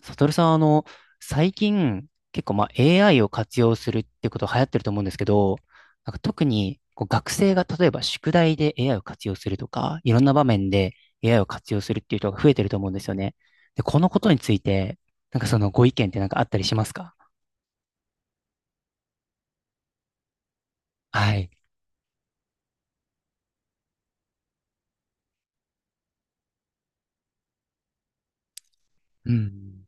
サトルさん、最近、結構、AI を活用するってこと流行ってると思うんですけど、特に学生が例えば宿題で AI を活用するとか、いろんな場面で AI を活用するっていう人が増えてると思うんですよね。で、このことについて、そのご意見ってあったりしますか？はい。うん。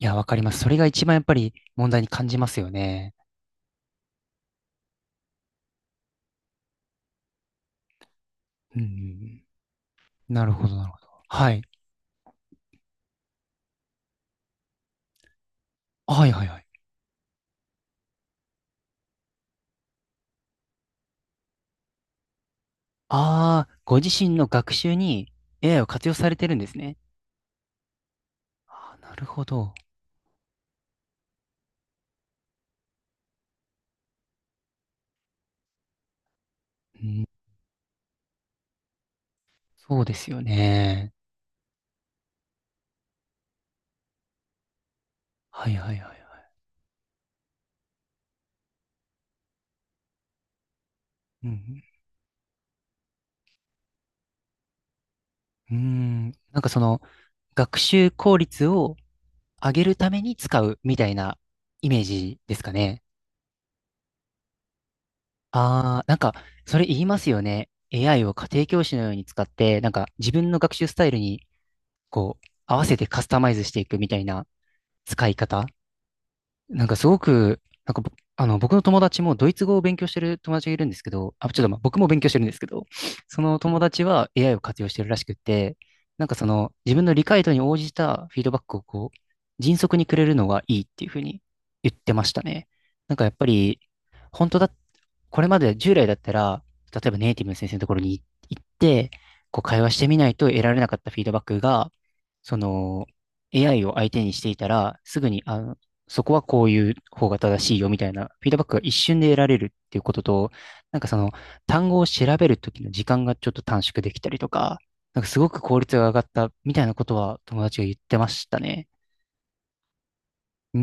いや、わかります。それが一番やっぱり問題に感じますよね。うん。なるほど、なるほど。はい。はいはいはい。ああ、ご自身の学習に AI を活用されてるんですね。あー、なるほど。うん、そうですよね。はいはいはいはい。うん、うん、その学習効率を上げるために使うみたいなイメージですかね。ああ、それ言いますよね。AI を家庭教師のように使って、自分の学習スタイルに合わせてカスタマイズしていくみたいな使い方。なんかすごく、なんかぼあの僕の友達もドイツ語を勉強してる友達がいるんですけど、あ、ちょっと僕も勉強してるんですけど、その友達は AI を活用してるらしくって、その自分の理解度に応じたフィードバックを迅速にくれるのがいいっていうふうに言ってましたね。やっぱり、本当だっこれまで従来だったら、例えばネイティブの先生のところに行って、会話してみないと得られなかったフィードバックが、その AI を相手にしていたら、すぐに、そこはこういう方が正しいよみたいなフィードバックが一瞬で得られるっていうことと、その単語を調べるときの時間がちょっと短縮できたりとか、すごく効率が上がったみたいなことは友達が言ってましたね。うー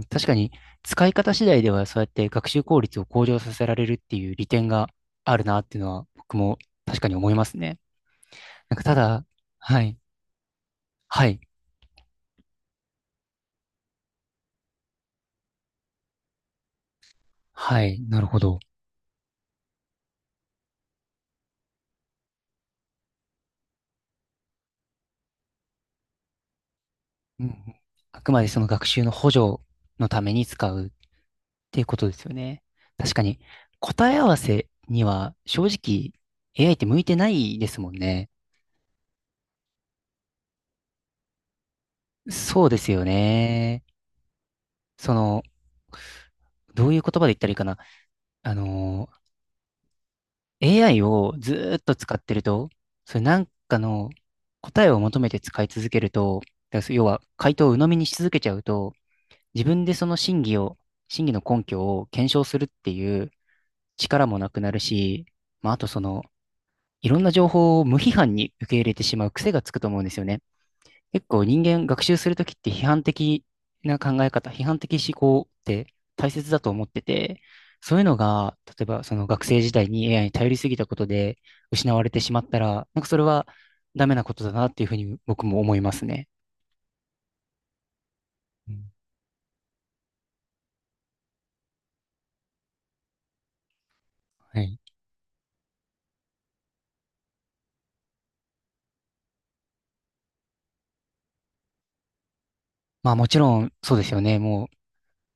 ん、確かに使い方次第ではそうやって学習効率を向上させられるっていう利点があるなっていうのは僕も確かに思いますね。ただ、はい、はい、はい、なるほど。うんうん、あくまでその学習の補助のために使うっていうことですよね。確かに答え合わせには正直 AI って向いてないですもんね。そうですよね。その、どういう言葉で言ったらいいかな。あのー AI をずーっと使ってると、それなんかの答えを求めて使い続けると、だから要は回答を鵜呑みにし続けちゃうと、自分でその真偽の根拠を検証するっていう力もなくなるし、あといろんな情報を無批判に受け入れてしまう癖がつくと思うんですよね。結構人間学習するときって批判的思考って大切だと思ってて、そういうのが、例えばその学生時代に AI に頼りすぎたことで失われてしまったら、それはダメなことだなっていうふうに僕も思いますね。うん、はい。まあもちろんそうですよね。も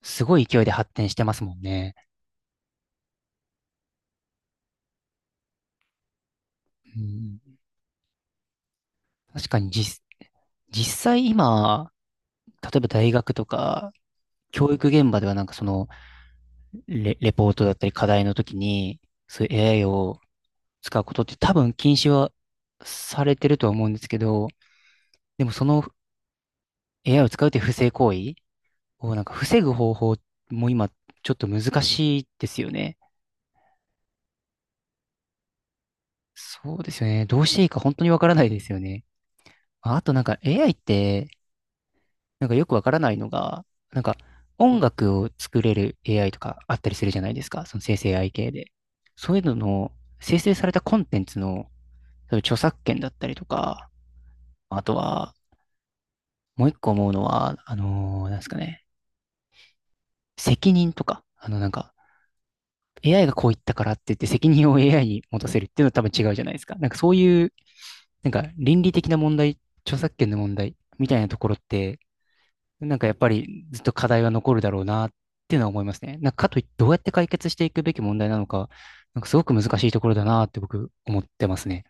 うすごい勢いで発展してますもんね。うん、確かに実際今、例えば大学とか教育現場ではそのレポートだったり課題の時に、そういう AI を使うことって多分禁止はされてるとは思うんですけど、でもその AI を使うっていう不正行為を防ぐ方法も今ちょっと難しいですよね。そうですよね。どうしていいか本当にわからないですよね。あとAI ってよくわからないのが、なんか音楽を作れる AI とかあったりするじゃないですか。その生成 AI 系で。そういうのの生成されたコンテンツのそういう著作権だったりとか、あとは、もう一個思うのは、なんですかね、責任とか、AI がこう言ったからって言って責任を AI に持たせるっていうのは多分違うじゃないですか。なんかそういう、倫理的な問題、著作権の問題みたいなところって、やっぱりずっと課題は残るだろうなっていうのは思いますね。かといってどうやって解決していくべき問題なのか、すごく難しいところだなって僕思ってますね。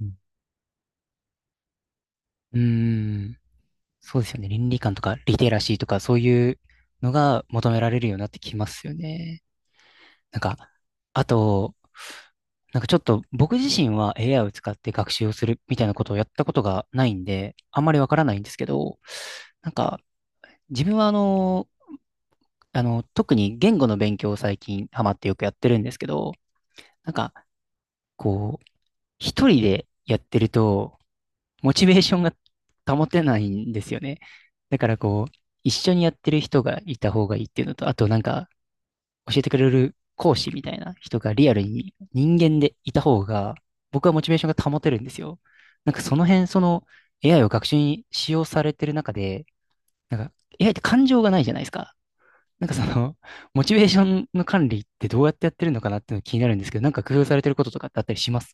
うん。うーん、そうですよね。倫理観とかリテラシーとかそういうのが求められるようになってきますよね。なんか、あと、ちょっと僕自身は AI を使って学習をするみたいなことをやったことがないんで、あんまりわからないんですけど、なんか自分は特に言語の勉強を最近ハマってよくやってるんですけど、なんかこう、一人でやってると、モチベーションが保てないんですよね。だから一緒にやってる人がいた方がいいっていうのと、あと教えてくれる講師みたいな人がリアルに人間でいた方が、僕はモチベーションが保てるんですよ。その辺、その AI を学習に使用されてる中で、なんか AI って感情がないじゃないですか。なんかその、モチベーションの管理ってどうやってやってるのかなっていうのが気になるんですけど、工夫されてることとかってあったりします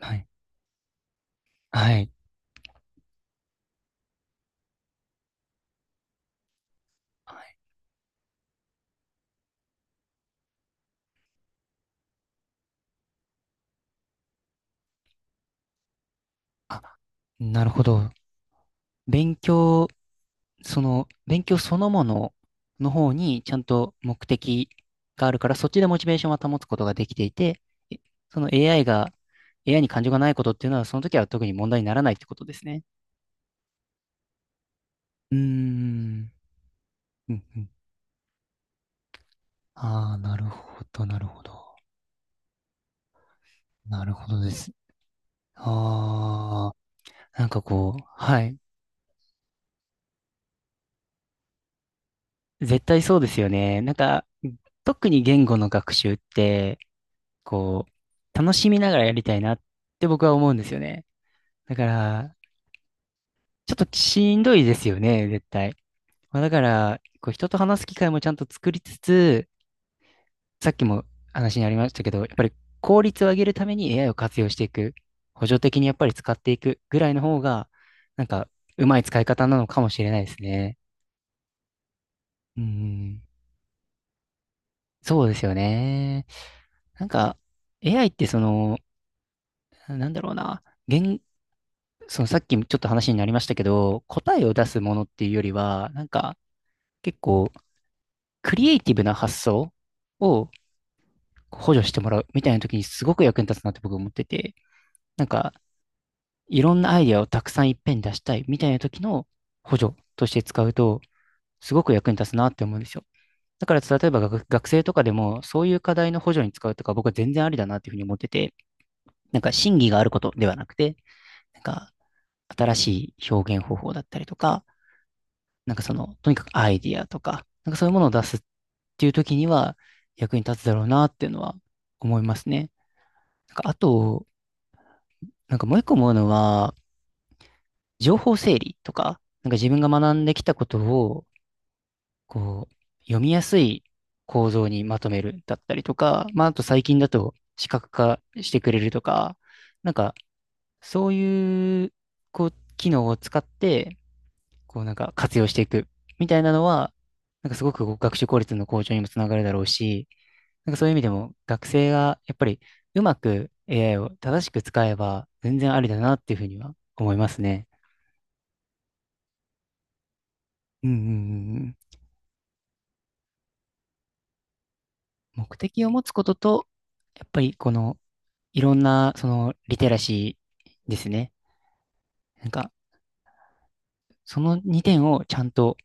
はい。はい。はい。あ、なるほど。勉強、勉強そのものの方にちゃんと目的があるから、そっちでモチベーションは保つことができていて、えその AI が、AI に感情がないことっていうのは、その時は特に問題にならないってことですね。うーん。うんうん。ああ、なるほど、なるほど。なるほどです。ああ、はい。絶対そうですよね。特に言語の学習って、楽しみながらやりたいなって僕は思うんですよね。だから、ちょっとしんどいですよね、絶対。だから、人と話す機会もちゃんと作りつつ、さっきも話にありましたけど、やっぱり効率を上げるために AI を活用していく、補助的にやっぱり使っていくぐらいの方が、なんか、うまい使い方なのかもしれないですね。うん、そうですよね。なんか、AI ってなんだろうな、言、そのさっきもちょっと話になりましたけど、答えを出すものっていうよりは、結構クリエイティブな発想を補助してもらうみたいな時にすごく役に立つなって僕思ってて、なんかいろんなアイディアをたくさんいっぺんに出したいみたいな時の補助として使うと、すごく役に立つなって思うんですよ。だから例えば学生とかでもそういう課題の補助に使うとか僕は全然ありだなっていうふうに思ってて、真偽があることではなくて、なんか新しい表現方法だったりとか、とにかくアイディアとか、そういうものを出すっていう時には役に立つだろうなっていうのは思いますね。あと、もう一個思うのは、情報整理とか、自分が学んできたことを、こう、読みやすい構造にまとめるだったりとか、まあ、あと最近だと視覚化してくれるとか、なんか、そういう、こう、機能を使って、活用していくみたいなのは、すごく学習効率の向上にもつながるだろうし、そういう意味でも学生がやっぱりうまく AI を正しく使えば全然ありだなっていうふうには思いますね。うんうんうんうん。目的を持つことと、やっぱりこのいろんなそのリテラシーですね。なんかその2点をちゃんと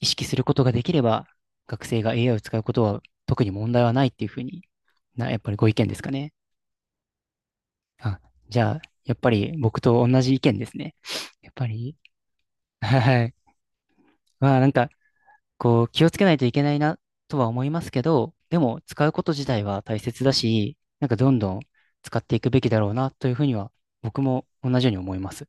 意識することができれば学生が AI を使うことは特に問題はないっていうふうにやっぱりご意見ですかね。あ、じゃあやっぱり僕と同じ意見ですね。やっぱり、はい。まあなんか気をつけないといけないなとは思いますけど、でも使うこと自体は大切だし、どんどん使っていくべきだろうなというふうには僕も同じように思います。